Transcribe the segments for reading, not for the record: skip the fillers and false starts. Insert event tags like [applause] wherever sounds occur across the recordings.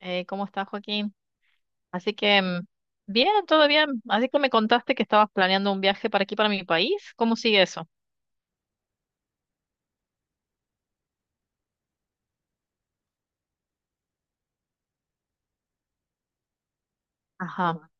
¿Cómo estás, Joaquín? Así que, mm, bien, todo bien. Así que me contaste que estabas planeando un viaje para aquí, para mi país. ¿Cómo sigue eso? Ajá.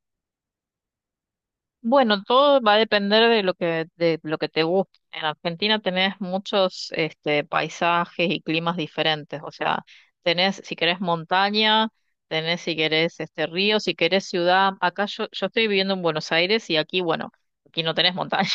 Bueno, todo va a depender de de lo que te guste. En Argentina tenés muchos, paisajes y climas diferentes. O sea, tenés, si querés, montaña, tenés, si querés, río, si querés, ciudad. Acá yo estoy viviendo en Buenos Aires y aquí, bueno, aquí no tenés montaña.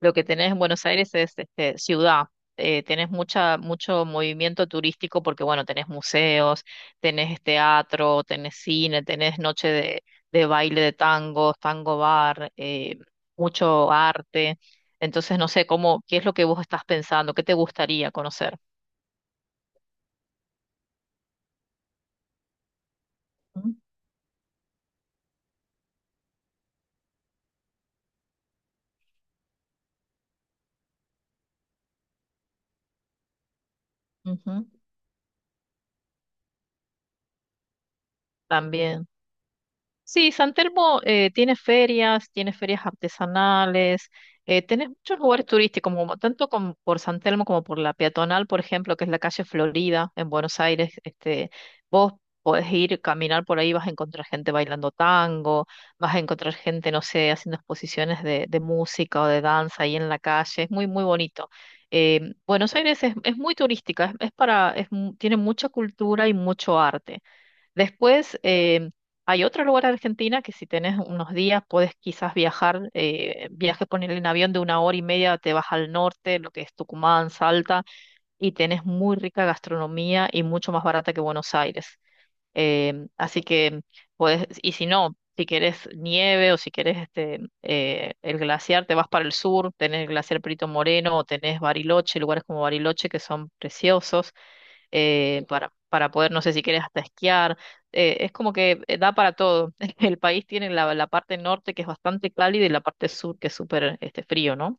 Lo que tenés en Buenos Aires es ciudad. Tenés mucho movimiento turístico porque, bueno, tenés museos, tenés teatro, tenés cine, tenés noche de baile de tango, tango bar, mucho arte. Entonces, no sé, cómo, ¿qué es lo que vos estás pensando? ¿Qué te gustaría conocer? Ujú, ujú, también. Sí, San Telmo tiene ferias artesanales, tenés muchos lugares turísticos, como, tanto como por San Telmo como por la peatonal, por ejemplo, que es la calle Florida en Buenos Aires. Vos podés ir, caminar por ahí, vas a encontrar gente bailando tango, vas a encontrar gente, no sé, haciendo exposiciones de música o de danza ahí en la calle. Es muy, muy bonito. Buenos Aires es muy turística, es para, es mu- tiene mucha cultura y mucho arte. Después, hay otro lugar en Argentina que si tenés unos días puedes quizás viajar, viajes ponerle en avión de una hora y media, te vas al norte, lo que es Tucumán, Salta, y tenés muy rica gastronomía y mucho más barata que Buenos Aires. Así que puedes, y si no, si quieres nieve o si quieres el glaciar, te vas para el sur, tenés el glaciar Perito Moreno o tenés Bariloche, lugares como Bariloche que son preciosos para poder, no sé si quieres hasta esquiar. Es como que da para todo. [laughs] El país tiene la parte norte que es bastante cálida y la parte sur que es súper frío, ¿no?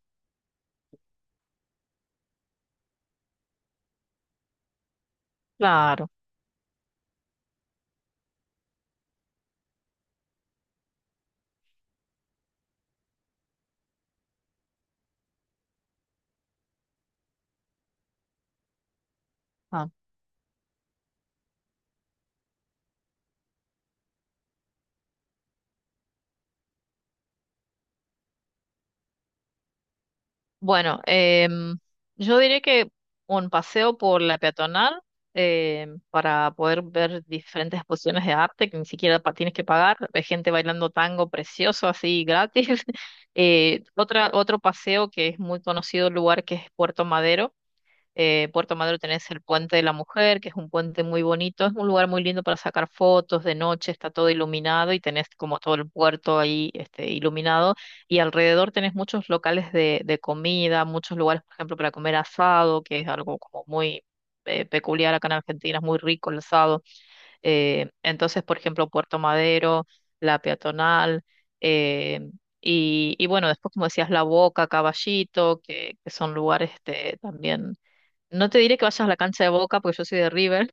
Claro. Ah. Bueno, yo diría que un paseo por la peatonal para poder ver diferentes exposiciones de arte que ni siquiera pa- tienes que pagar, hay gente bailando tango precioso así gratis. [laughs] Otro paseo que es muy conocido lugar que es Puerto Madero. Puerto Madero tenés el Puente de la Mujer, que es un puente muy bonito, es un lugar muy lindo para sacar fotos de noche, está todo iluminado y tenés como todo el puerto ahí iluminado y alrededor tenés muchos locales de comida, muchos lugares, por ejemplo, para comer asado, que es algo como muy peculiar acá en Argentina, es muy rico el asado. Entonces, por ejemplo, Puerto Madero, la peatonal. eh, y bueno, después como decías, La Boca, Caballito, que son lugares también no te diré que vayas a la cancha de Boca porque yo soy de River.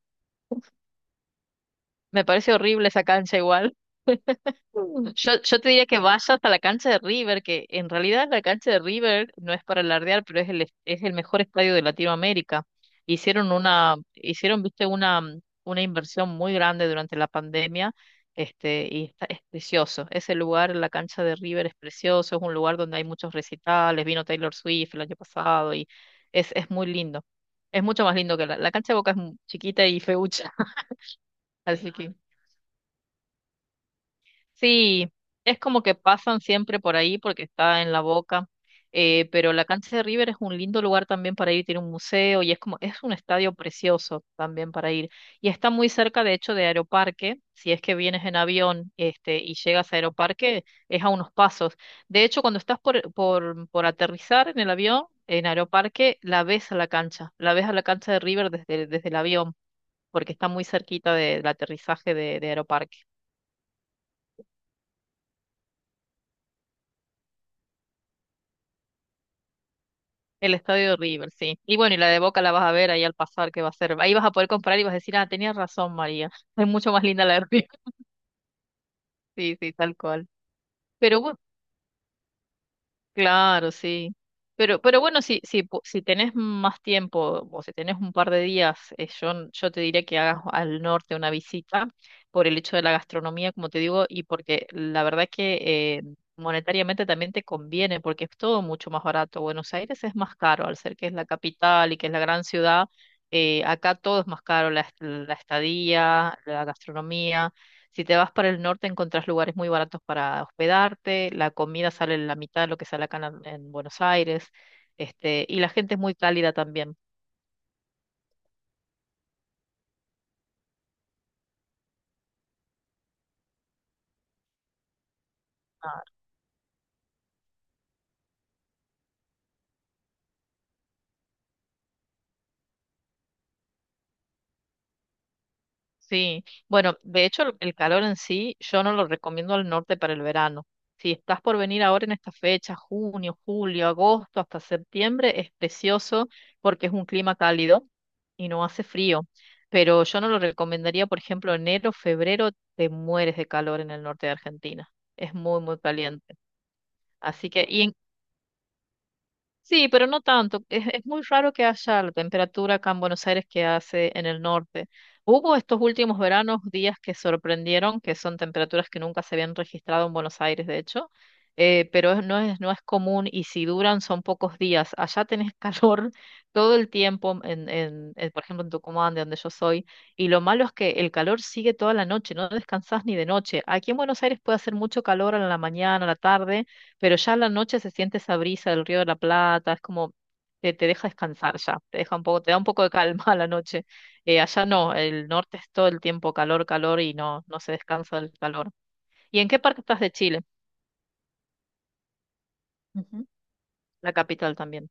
Me parece horrible esa cancha igual. Yo te diría que vayas hasta la cancha de River, que en realidad la cancha de River no es para alardear, pero es el mejor estadio de Latinoamérica. Hicieron, viste, una inversión muy grande durante la pandemia, y está, es precioso. Ese lugar, la cancha de River es precioso, es un lugar donde hay muchos recitales, vino Taylor Swift el año pasado y es muy lindo. Es mucho más lindo que la cancha de Boca es mu- chiquita y feucha. [laughs] Así que sí, es como que pasan siempre por ahí porque está en la boca, pero la cancha de River es un lindo lugar también para ir, tiene un museo y es como, es un estadio precioso también para ir. Y está muy cerca, de hecho, de Aeroparque, si es que vienes en avión, y llegas a Aeroparque, es a unos pasos. De hecho, cuando estás por aterrizar en el avión, en Aeroparque, la ves a la cancha, la ves a la cancha de River desde el avión, porque está muy cerquita de- del aterrizaje de Aeroparque. El estadio de River, sí. Y bueno, y la de Boca la vas a ver ahí al pasar, que va a ser. Ahí vas a poder comprar y vas a decir, ah, tenías razón, María. [laughs] Es mucho más linda la de River. [laughs] Sí, sí, tal cual. Pero claro, sí. Pero bueno, po- si tenés más tiempo o si tenés un par de días, yo, n- yo te diría que hagas al norte una visita por el hecho de la gastronomía, como te digo, y porque la verdad es que monetariamente también te conviene, porque es todo mucho más barato. Buenos Aires es más caro, al ser que es la capital y que es la gran ciudad, acá todo es más caro, la, est- la estadía, la gastronomía. Si te vas para el norte, encontrás lugares muy baratos para hospedarte, la comida sale la mitad de lo que sale acá en Buenos Aires, y la gente es muy cálida también. Ah, sí, bueno, de hecho el calor en sí yo no lo recomiendo al norte para el verano. Si estás por venir ahora en esta fecha, junio, julio, agosto, hasta septiembre, es precioso porque es un clima cálido y no hace frío. Pero yo no lo recomendaría, por ejemplo, enero, febrero, te mueres de calor en el norte de Argentina. Es muy, muy caliente. Así que, y, Sí, pero no tanto. Es muy raro que haya la temperatura acá en Buenos Aires que hace en el norte. Hubo estos últimos veranos días que sorprendieron, que son temperaturas que nunca se habían registrado en Buenos Aires, de hecho, pero es- no es, no es común y si duran son pocos días. Allá tenés calor [laughs] todo el tiempo, en, por ejemplo en Tucumán, de donde yo soy, y lo malo es que el calor sigue toda la noche, no descansás ni de noche. Aquí en Buenos Aires puede hacer mucho calor a la mañana, a la tarde pero ya a la noche se siente esa brisa del Río de la Plata, es como te deja descansar ya, te deja un poco, te da un poco de calma [laughs] a la noche. Allá no, el norte es todo el tiempo calor, calor y no, no se descansa del calor. ¿Y en qué parte estás de Chile? Ujú. La capital también.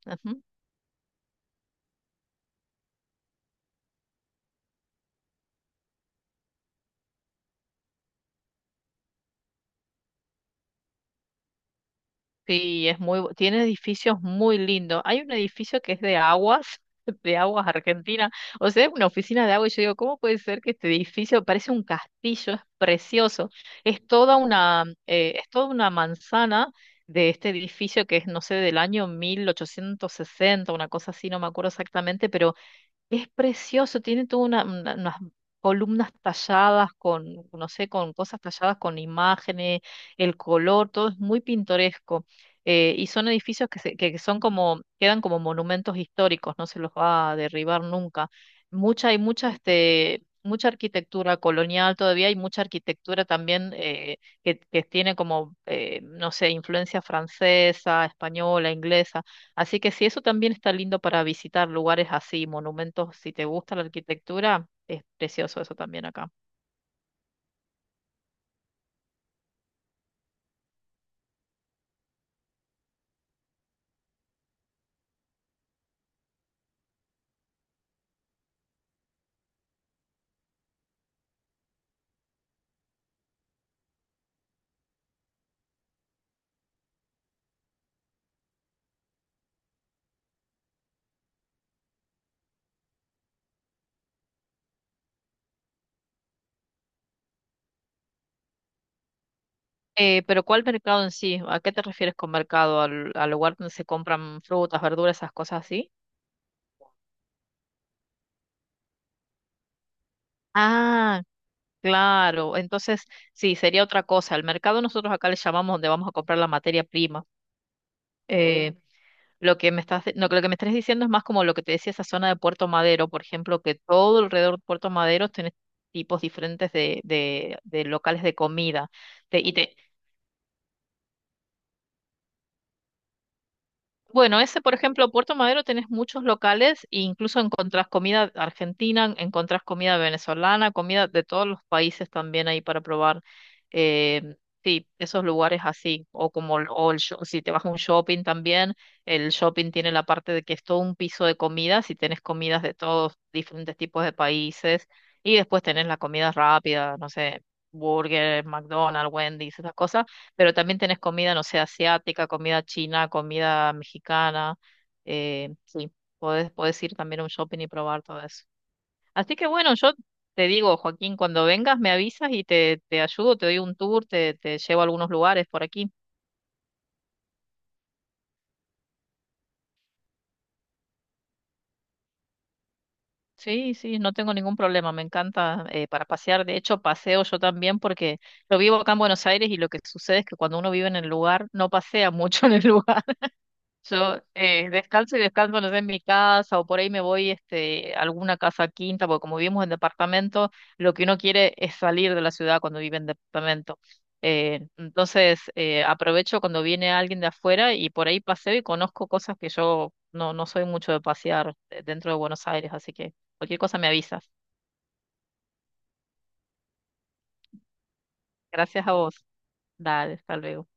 Sí, es muy, bu- tiene edificios muy lindos. Hay un edificio que es de aguas, [laughs] de aguas Argentina. O sea, es una oficina de agua y yo digo, ¿cómo puede ser que este edificio parece un castillo? Es precioso. Es toda una manzana de este edificio que es, no sé, del año 1860, una cosa así, no me acuerdo exactamente, pero es precioso, tiene toda una- unas columnas talladas con, no sé, con cosas talladas con imágenes, el color, todo es muy pintoresco. Y son edificios que, se- que son como, quedan como monumentos históricos, no se los va a derribar nunca. Hay mucha, mucha arquitectura colonial todavía, hay mucha arquitectura también que tiene como, no sé, influencia francesa, española, inglesa. Así que sí, eso también está lindo para visitar lugares así, monumentos, si te gusta la arquitectura, es precioso eso también acá. Pero ¿cuál mercado en sí? ¿A qué te refieres con mercado? Al lugar donde se compran frutas, verduras, esas cosas así? Ah, claro. Entonces, sí, sería otra cosa. El mercado nosotros acá le llamamos donde vamos a comprar la materia prima. Eh, Lo que me estás, lo que me estás diciendo es más como lo que te decía esa zona de Puerto Madero, por ejemplo, que todo alrededor de Puerto Madero tiene tipos diferentes de locales de comida. Te- y te, Bueno, ese, por ejemplo, Puerto Madero tenés muchos locales e incluso encontrás comida argentina, encontrás comida venezolana, comida de todos los países también ahí para probar. Eh, sí, esos lugares así, o como el- o el sho- si te vas a un shopping también, el shopping tiene la parte de que es todo un piso de comidas y tenés comidas de todos diferentes tipos de países y después tenés la comida rápida, no sé, burger, McDonald's, Wendy's, esas cosas pero también tenés comida, no sé, asiática, comida china, comida mexicana. Sí, podés, podés ir también a un shopping y probar todo eso. Así que bueno, yo te digo, Joaquín, cuando vengas me avisas y te ayudo, te doy un tour, te llevo a algunos lugares por aquí. Sí, sí, no tengo ningún problema, me encanta para pasear. De hecho, paseo yo también porque yo vivo acá en Buenos Aires y lo que sucede es que cuando uno vive en el lugar, no pasea [laughs] mucho en el lugar. Yo descalzo y descanso, no sé, en mi casa o por ahí me voy a alguna casa quinta, porque como vivimos en departamento, lo que uno quiere es salir de la ciudad cuando vive en departamento. Aprovecho cuando viene alguien de afuera y por ahí paseo y conozco cosas que yo no soy mucho de pasear dentro de Buenos Aires, así que cualquier cosa me avisas. Gracias a vos. Dale, hasta luego.